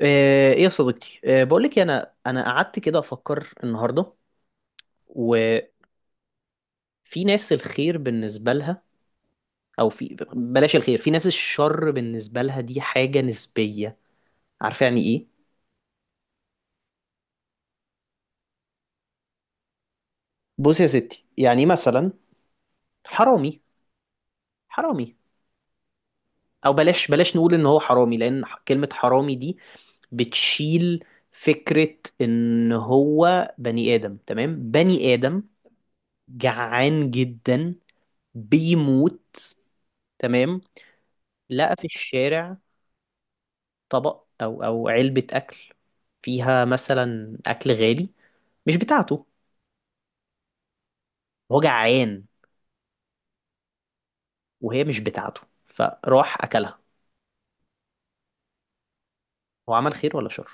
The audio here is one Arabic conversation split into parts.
ايه يا صديقتي، بقولك إيه، انا قعدت كده افكر النهارده، وفي ناس الخير بالنسبه لها، او في بلاش الخير، في ناس الشر بالنسبه لها. دي حاجه نسبيه. عارفه يعني ايه؟ بص يا ستي، يعني مثلا حرامي، حرامي، او بلاش نقول ان هو حرامي، لان كلمه حرامي دي بتشيل فكره ان هو بني ادم. تمام؟ بني ادم جعان جدا بيموت. تمام؟ لقى في الشارع طبق أو علبة أكل فيها مثلا أكل غالي مش بتاعته. هو جعان، وهي مش بتاعته فراح أكلها. هو عمل خير ولا شر؟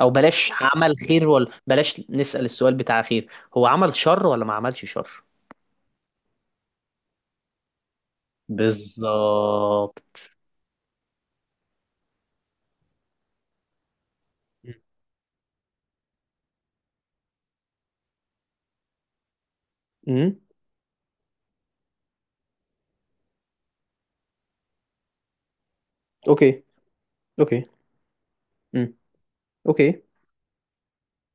أو بلاش عمل خير ولا، بلاش نسأل السؤال بتاع خير، هو عمل شر ولا ما عملش شر؟ بالظبط. امم. اوكي، اوكي. امم. اوكي.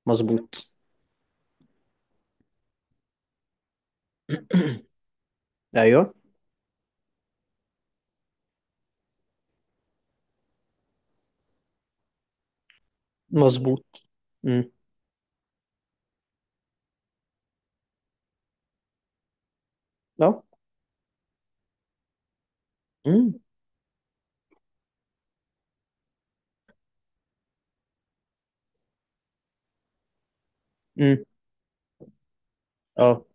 مظبوط. ايوه. مظبوط. امم. اه. امم. امم. اه.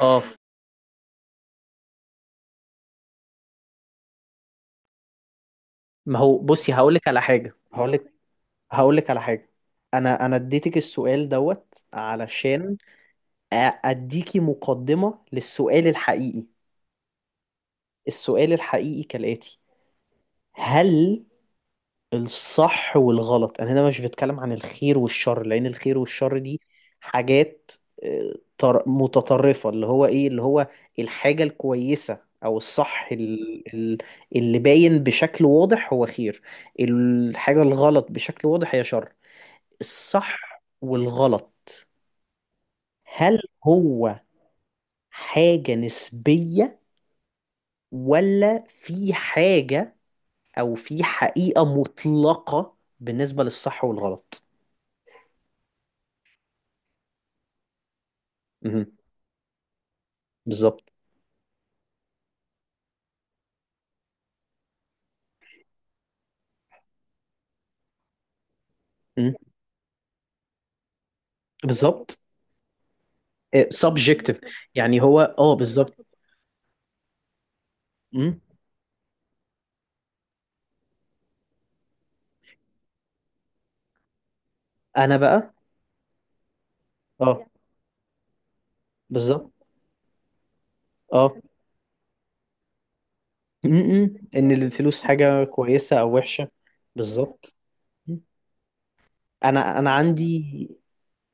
اه. ما هو بصي هقول لك على حاجه، هقول لك، هقول لك على حاجة. انا اديتك السؤال دوت علشان أ- اديكي مقدمة للسؤال الحقيقي. السؤال الحقيقي كالآتي: هل الصح والغلط، انا هنا مش بتكلم عن الخير والشر لان الخير والشر دي حاجات متطرفة، اللي هو ايه، اللي هو الحاجة الكويسة او الصح، اللي باين بشكل واضح هو خير، الحاجة الغلط بشكل واضح هي شر. الصح والغلط، هل هو حاجة نسبية، ولا في حاجة أو في حقيقة مطلقة بالنسبة للصح والغلط؟ مهم. بالظبط. مم. بالظبط. إيه، subjective، يعني هو، اه، بالظبط. مم. أنا بقى، اه بالظبط، اه. مم. إن الفلوس حاجة كويسة أو وحشة. بالظبط. مم. أنا أنا عندي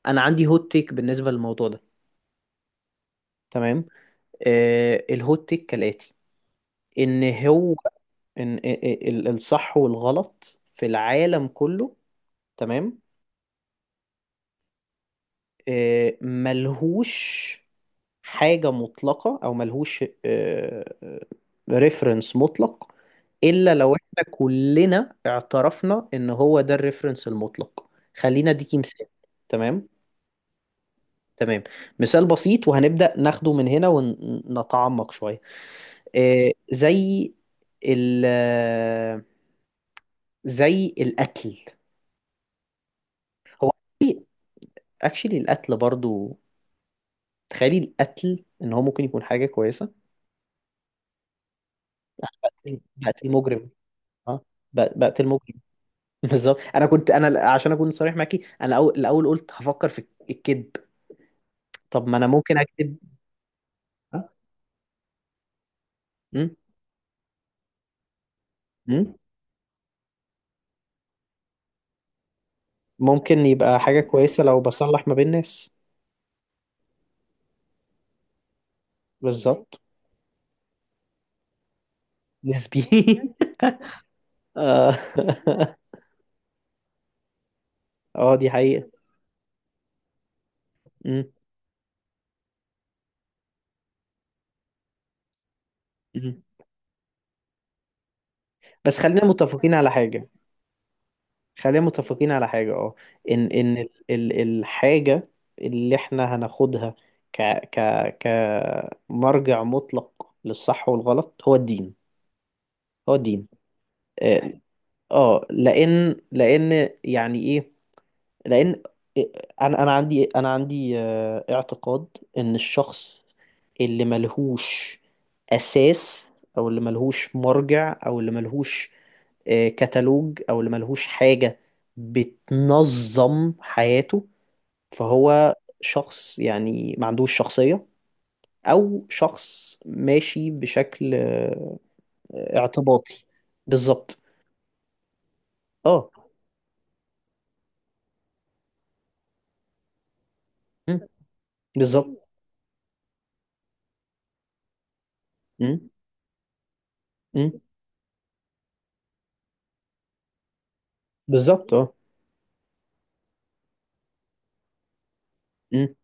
أنا عندي هوت تيك بالنسبة للموضوع ده. تمام. الهوت تيك كالآتي: إن هو، ان الصح والغلط في العالم كله، تمام، ملهوش حاجة مطلقة، او ملهوش ريفرنس مطلق، الا لو احنا كلنا اعترفنا ان هو ده الريفرنس المطلق. خلينا اديكي مثال. تمام. تمام. مثال بسيط، وهنبدأ ناخده من هنا ونتعمق شوية. آه، زي ال زي الأكل. هو اكشلي القتل برضو، تخيلي القتل ان هو ممكن يكون حاجه كويسه. بقتل مجرم، اه، بقتل مجرم. بالظبط. انا عشان اكون صريح معاكي، انا الاول قلت هفكر في الكذب. طب ما انا ممكن اكذب. آه، م- م- ممكن يبقى حاجه كويسه لو بصلح ما بين ناس. بالظبط. نسبي. اه. دي حقيقه. م- م. بس خلينا متفقين على حاجة، اه. ان الحاجة اللي احنا هناخدها ك ك كمرجع مطلق للصح والغلط هو الدين. هو الدين. اه. لان يعني ايه؟ لان انا عندي اعتقاد ان الشخص اللي ملهوش اساس، او اللي ملهوش مرجع، او اللي ملهوش كتالوج، او اللي ملهوش حاجة بتنظم حياته، فهو شخص يعني ما عندوش شخصية، او شخص ماشي بشكل اعتباطي. بالظبط. اه. مم. بالظبط. مم. مم. بالظبط. اه. مم.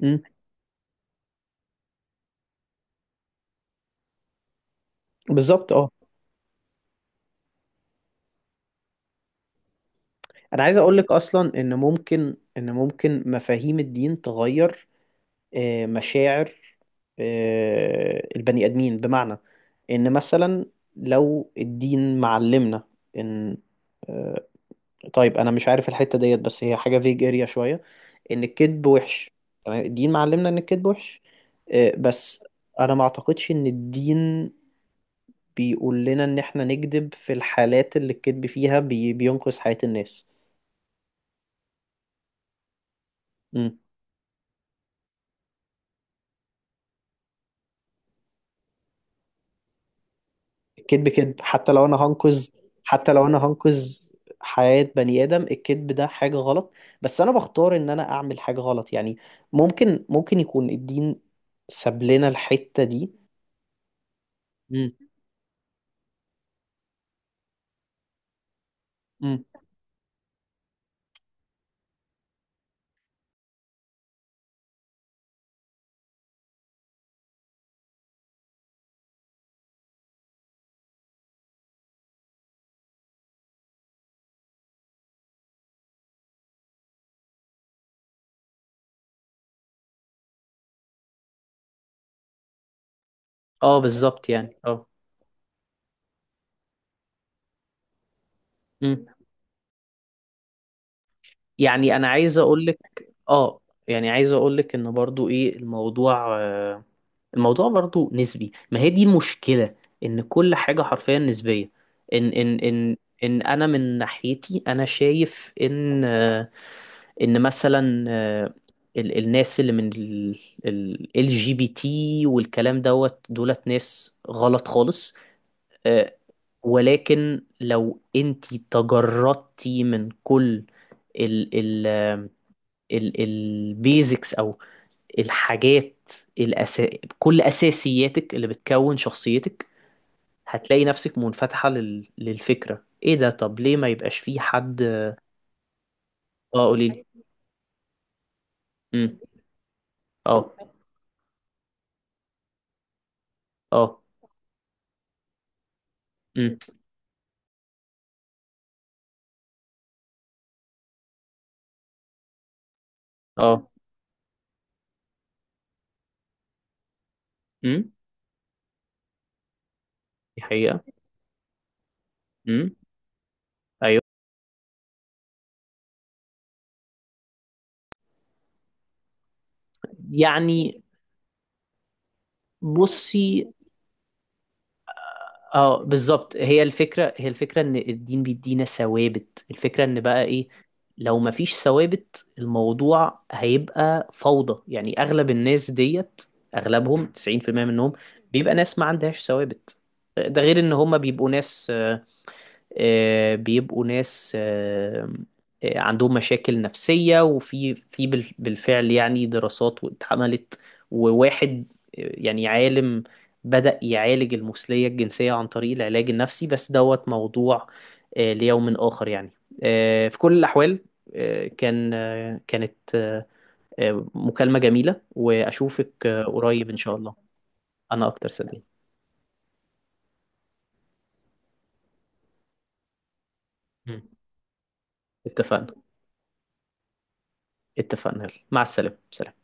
مم. بالظبط. اه. انا عايز اقول لك اصلا ان ممكن مفاهيم الدين تغير مشاعر البني ادمين، بمعنى ان مثلا لو الدين معلمنا ان، آه، طيب انا مش عارف الحتة ديت بس هي حاجة فيج اريا شوية، ان الكذب وحش. تمام؟ الدين معلمنا ان الكذب وحش، بس انا ما اعتقدش ان الدين بيقول لنا ان احنا نكذب في الحالات اللي الكذب فيها بينقذ حياة الناس. الكذب كذب. حتى لو انا هنقذ حياة بني ادم، الكذب ده حاجة غلط، بس انا بختار ان انا اعمل حاجة غلط. يعني ممكن يكون الدين ساب لنا الحتة دي. امم. امم. اه بالظبط. يعني اه. امم. يعني انا عايز اقول لك اه يعني عايز اقول لك ان برضو ايه الموضوع، الموضوع برضو نسبي. ما هي دي المشكلة، ان كل حاجة حرفيا نسبية. ان ان ان ان انا من ناحيتي انا شايف ان، ان مثلا الناس اللي من LGBT والكلام دوت دولت ناس غلط خالص، آه، ولكن لو انتي تجردتي من كل ال ال ال البيزكس او الحاجات، الأس... كل أساسياتك اللي بتكون شخصيتك، هتلاقي نفسك منفتحة للفكرة، ايه ده، طب ليه ما يبقاش في حد. اه قوليلي. امم. اه. اه. امم. اه. امم. دي حقيقة. امم. ايوه. يعني بصي، اه بالظبط، هي الفكرة، ان الدين بيدينا ثوابت. الفكرة ان بقى ايه، لو مفيش ثوابت الموضوع هيبقى فوضى. يعني اغلب الناس ديت، اغلبهم 90% منهم بيبقى ناس ما عندهاش ثوابت، ده غير ان هم بيبقوا ناس، آه، بيبقوا ناس آه، عندهم مشاكل نفسية، وفي بالفعل يعني دراسات واتعملت. وواحد يعني عالم بدأ يعالج المثلية الجنسية عن طريق العلاج النفسي، بس دوت موضوع ليوم آخر يعني. في كل الأحوال، كانت مكالمة جميلة، وأشوفك قريب إن شاء الله. أنا أكتر صديق. اتفقنا، اتفقنا، يلا. مع السلامة. سلام.